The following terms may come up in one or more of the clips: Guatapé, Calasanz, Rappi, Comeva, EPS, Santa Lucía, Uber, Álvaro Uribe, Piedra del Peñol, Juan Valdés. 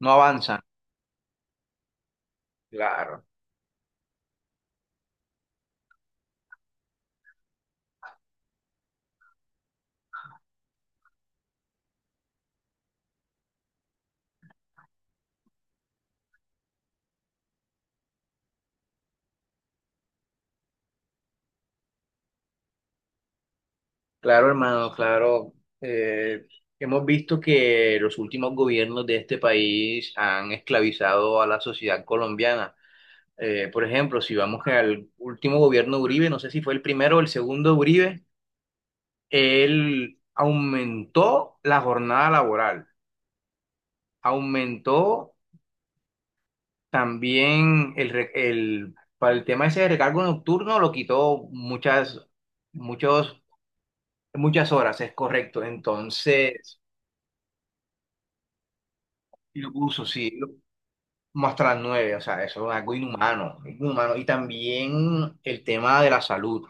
No avanzan. Claro, claro, hermano, claro. Eh, Hemos visto que los últimos gobiernos de este país han esclavizado a la sociedad colombiana. Por ejemplo, si vamos al último gobierno de Uribe, no sé si fue el primero o el segundo de Uribe, él aumentó la jornada laboral, aumentó también para el tema ese de recargo nocturno, lo quitó muchas, muchos, muchas horas, es correcto. Entonces... Y lo puso, sí, lo- como hasta las nueve, o sea, eso es algo inhumano, inhumano. Y también el tema de la salud.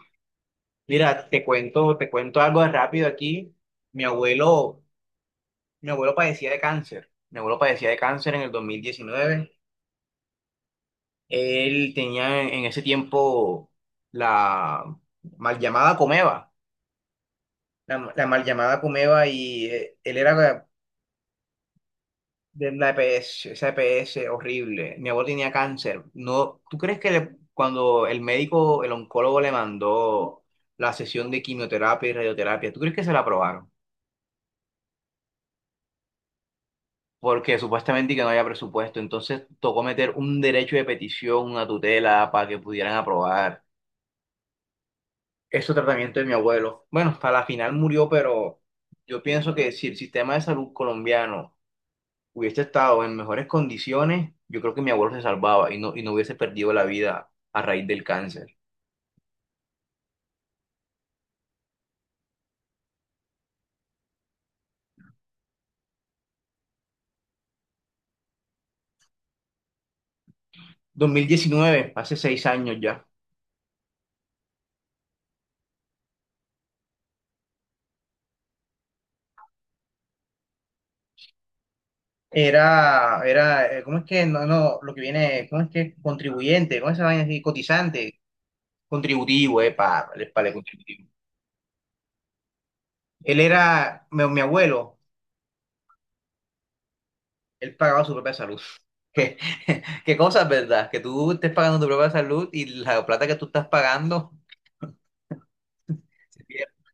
Mira, te cuento algo de rápido aquí. Mi abuelo, mi abuelo padecía de cáncer. Mi abuelo padecía de cáncer en el 2019. Él tenía en ese tiempo la mal llamada Comeva, la mal llamada Comeva y él era de la EPS, esa EPS horrible. Mi abuelo tenía cáncer. No, ¿tú crees que le- cuando el médico, el oncólogo le mandó la sesión de quimioterapia y radioterapia, ¿tú crees que se la aprobaron? Porque supuestamente que no había presupuesto, entonces tocó meter un derecho de petición, una tutela para que pudieran aprobar ese tratamiento de mi abuelo. Bueno, hasta la final murió, pero yo pienso que si el sistema de salud colombiano hubiese estado en mejores condiciones, yo creo que mi abuelo se salvaba y no hubiese perdido la vida a raíz del cáncer. 2019 hace 6 años ya. Era, era, ¿cómo es que? No, no, lo que viene, ¿cómo es que? Contribuyente, ¿cómo es esa vaina así? Cotizante, contributivo, para el contributivo. Él era, mi abuelo, él pagaba su propia salud. ¿Qué, qué cosas, verdad? Que tú estés pagando tu propia salud y la plata que tú estás pagando se pierde.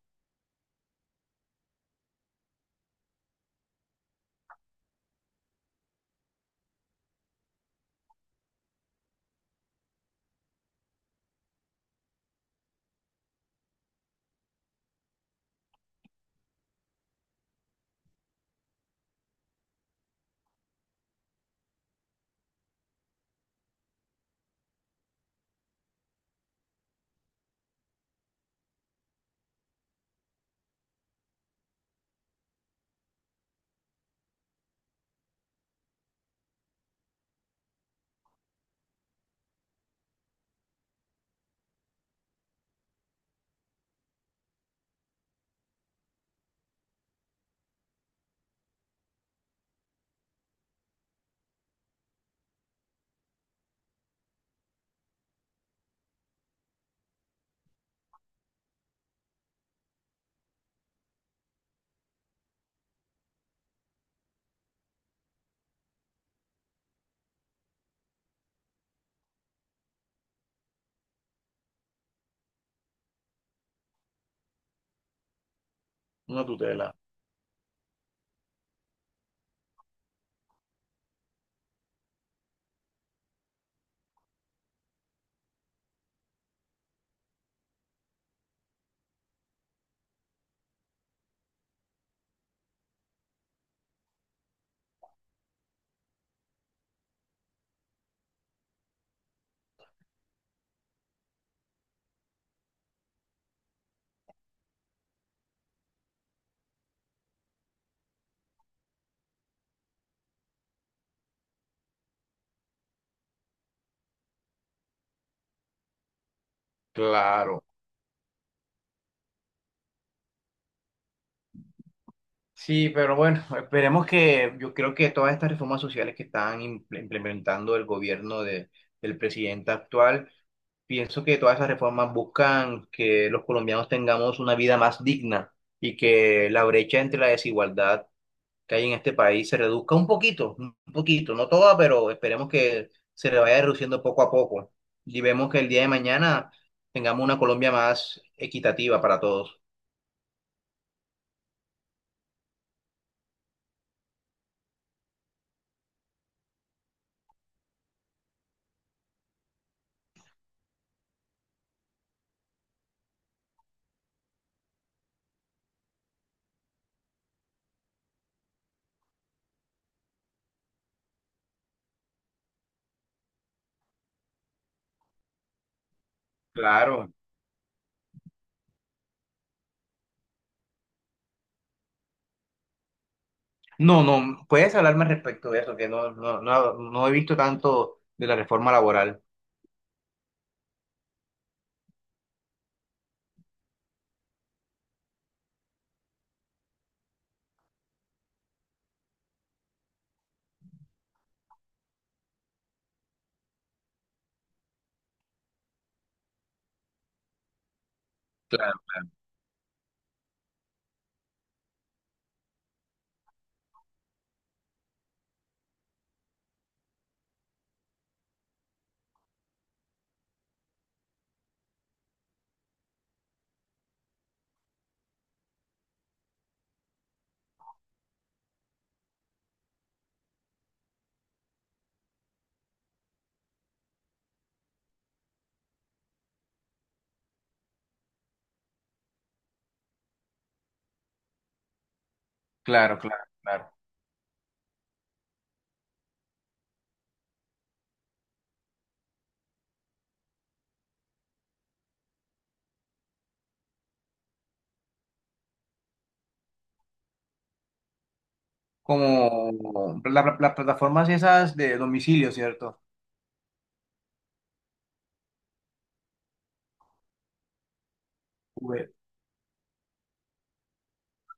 Una tutela. Claro. Sí, pero bueno, esperemos que yo creo que todas estas reformas sociales que están implementando el gobierno del presidente actual, pienso que todas esas reformas buscan que los colombianos tengamos una vida más digna y que la brecha entre la desigualdad que hay en este país se reduzca un poquito, no toda, pero esperemos que se le vaya reduciendo poco a poco y vemos que el día de mañana tengamos una Colombia más equitativa para todos. Claro. No, no, puedes hablarme respecto de eso, que no, no, no, no he visto tanto de la reforma laboral. Claro, claro. Claro, claro, claro. Como las plataformas esas de domicilio, ¿cierto? Uber.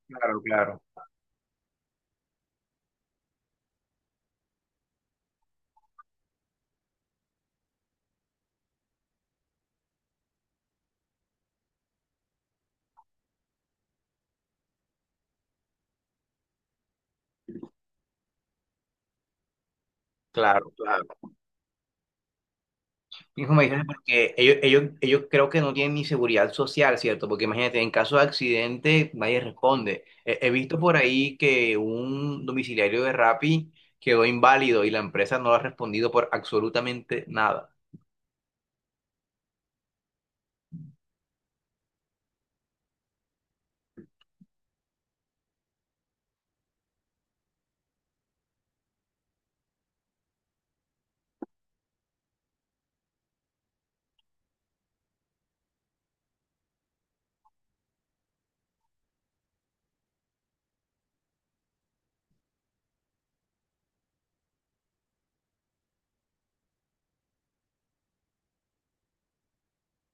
Claro, claro. Claro, claro. Hijo, me dices porque ellos creo que no tienen ni seguridad social, ¿cierto? Porque imagínate, en caso de accidente nadie responde. He visto por ahí que un domiciliario de Rappi quedó inválido y la empresa no ha respondido por absolutamente nada.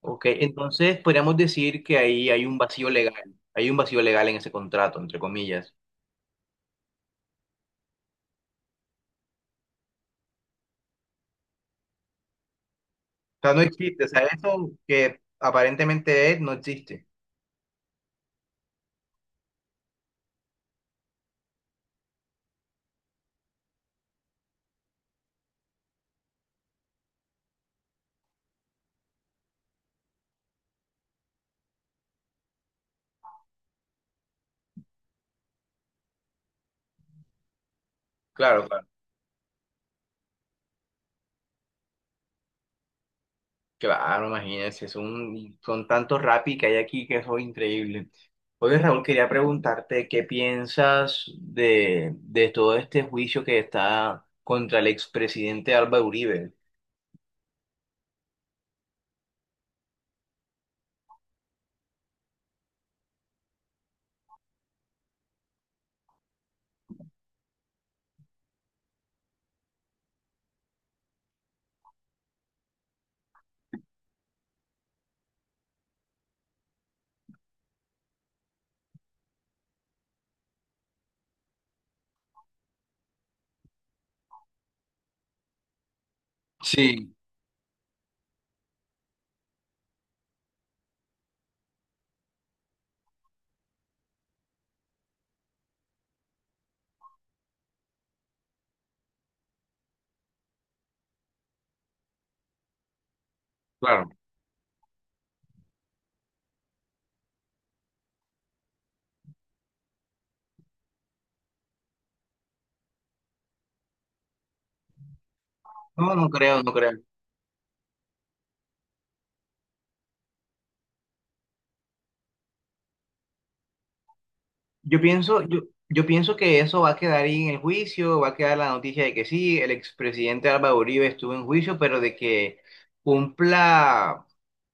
Ok, entonces podríamos decir que ahí hay un vacío legal, hay un vacío legal en ese contrato, entre comillas. O sea, no existe, o sea, eso que aparentemente es, no existe. Claro, claro. Claro, imagínense, son, son tantos rapis que hay aquí que eso es increíble. Oye, Raúl, quería preguntarte qué piensas de todo este juicio que está contra el expresidente Álvaro Uribe. Sí, claro. No, no creo, no creo. Yo pienso, yo pienso que eso va a quedar ahí en el juicio, va a quedar la noticia de que sí, el expresidente Álvaro Uribe estuvo en juicio, pero de que cumpla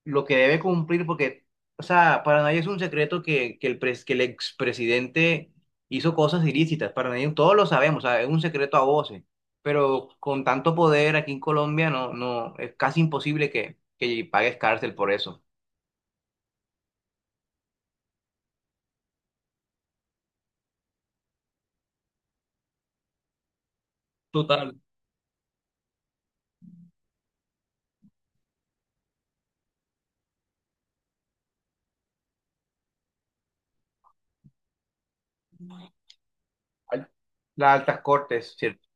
lo que debe cumplir, porque, o sea, para nadie es un secreto que, que el expresidente hizo cosas ilícitas, para nadie, todos lo sabemos, o sea, es un secreto a voces, pero con tanto poder aquí en Colombia no, no, es casi imposible que pagues cárcel por eso. Total. Las altas cortes, ¿cierto?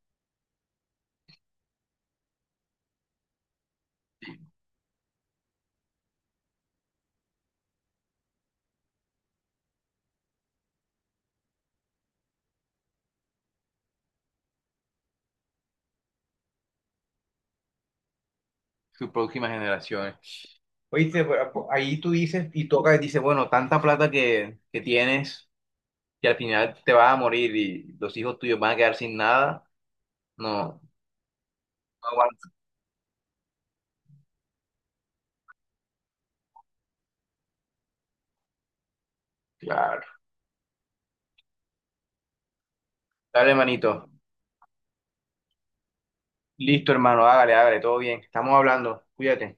Sus próximas generaciones. Oíste, pero ahí tú dices y toca y dices, bueno, tanta plata que tienes que al final te vas a morir y los hijos tuyos van a quedar sin nada. No, no aguanta. Claro. Dale, manito. Listo, hermano, hágale, hágale, todo bien. Estamos hablando. Cuídate.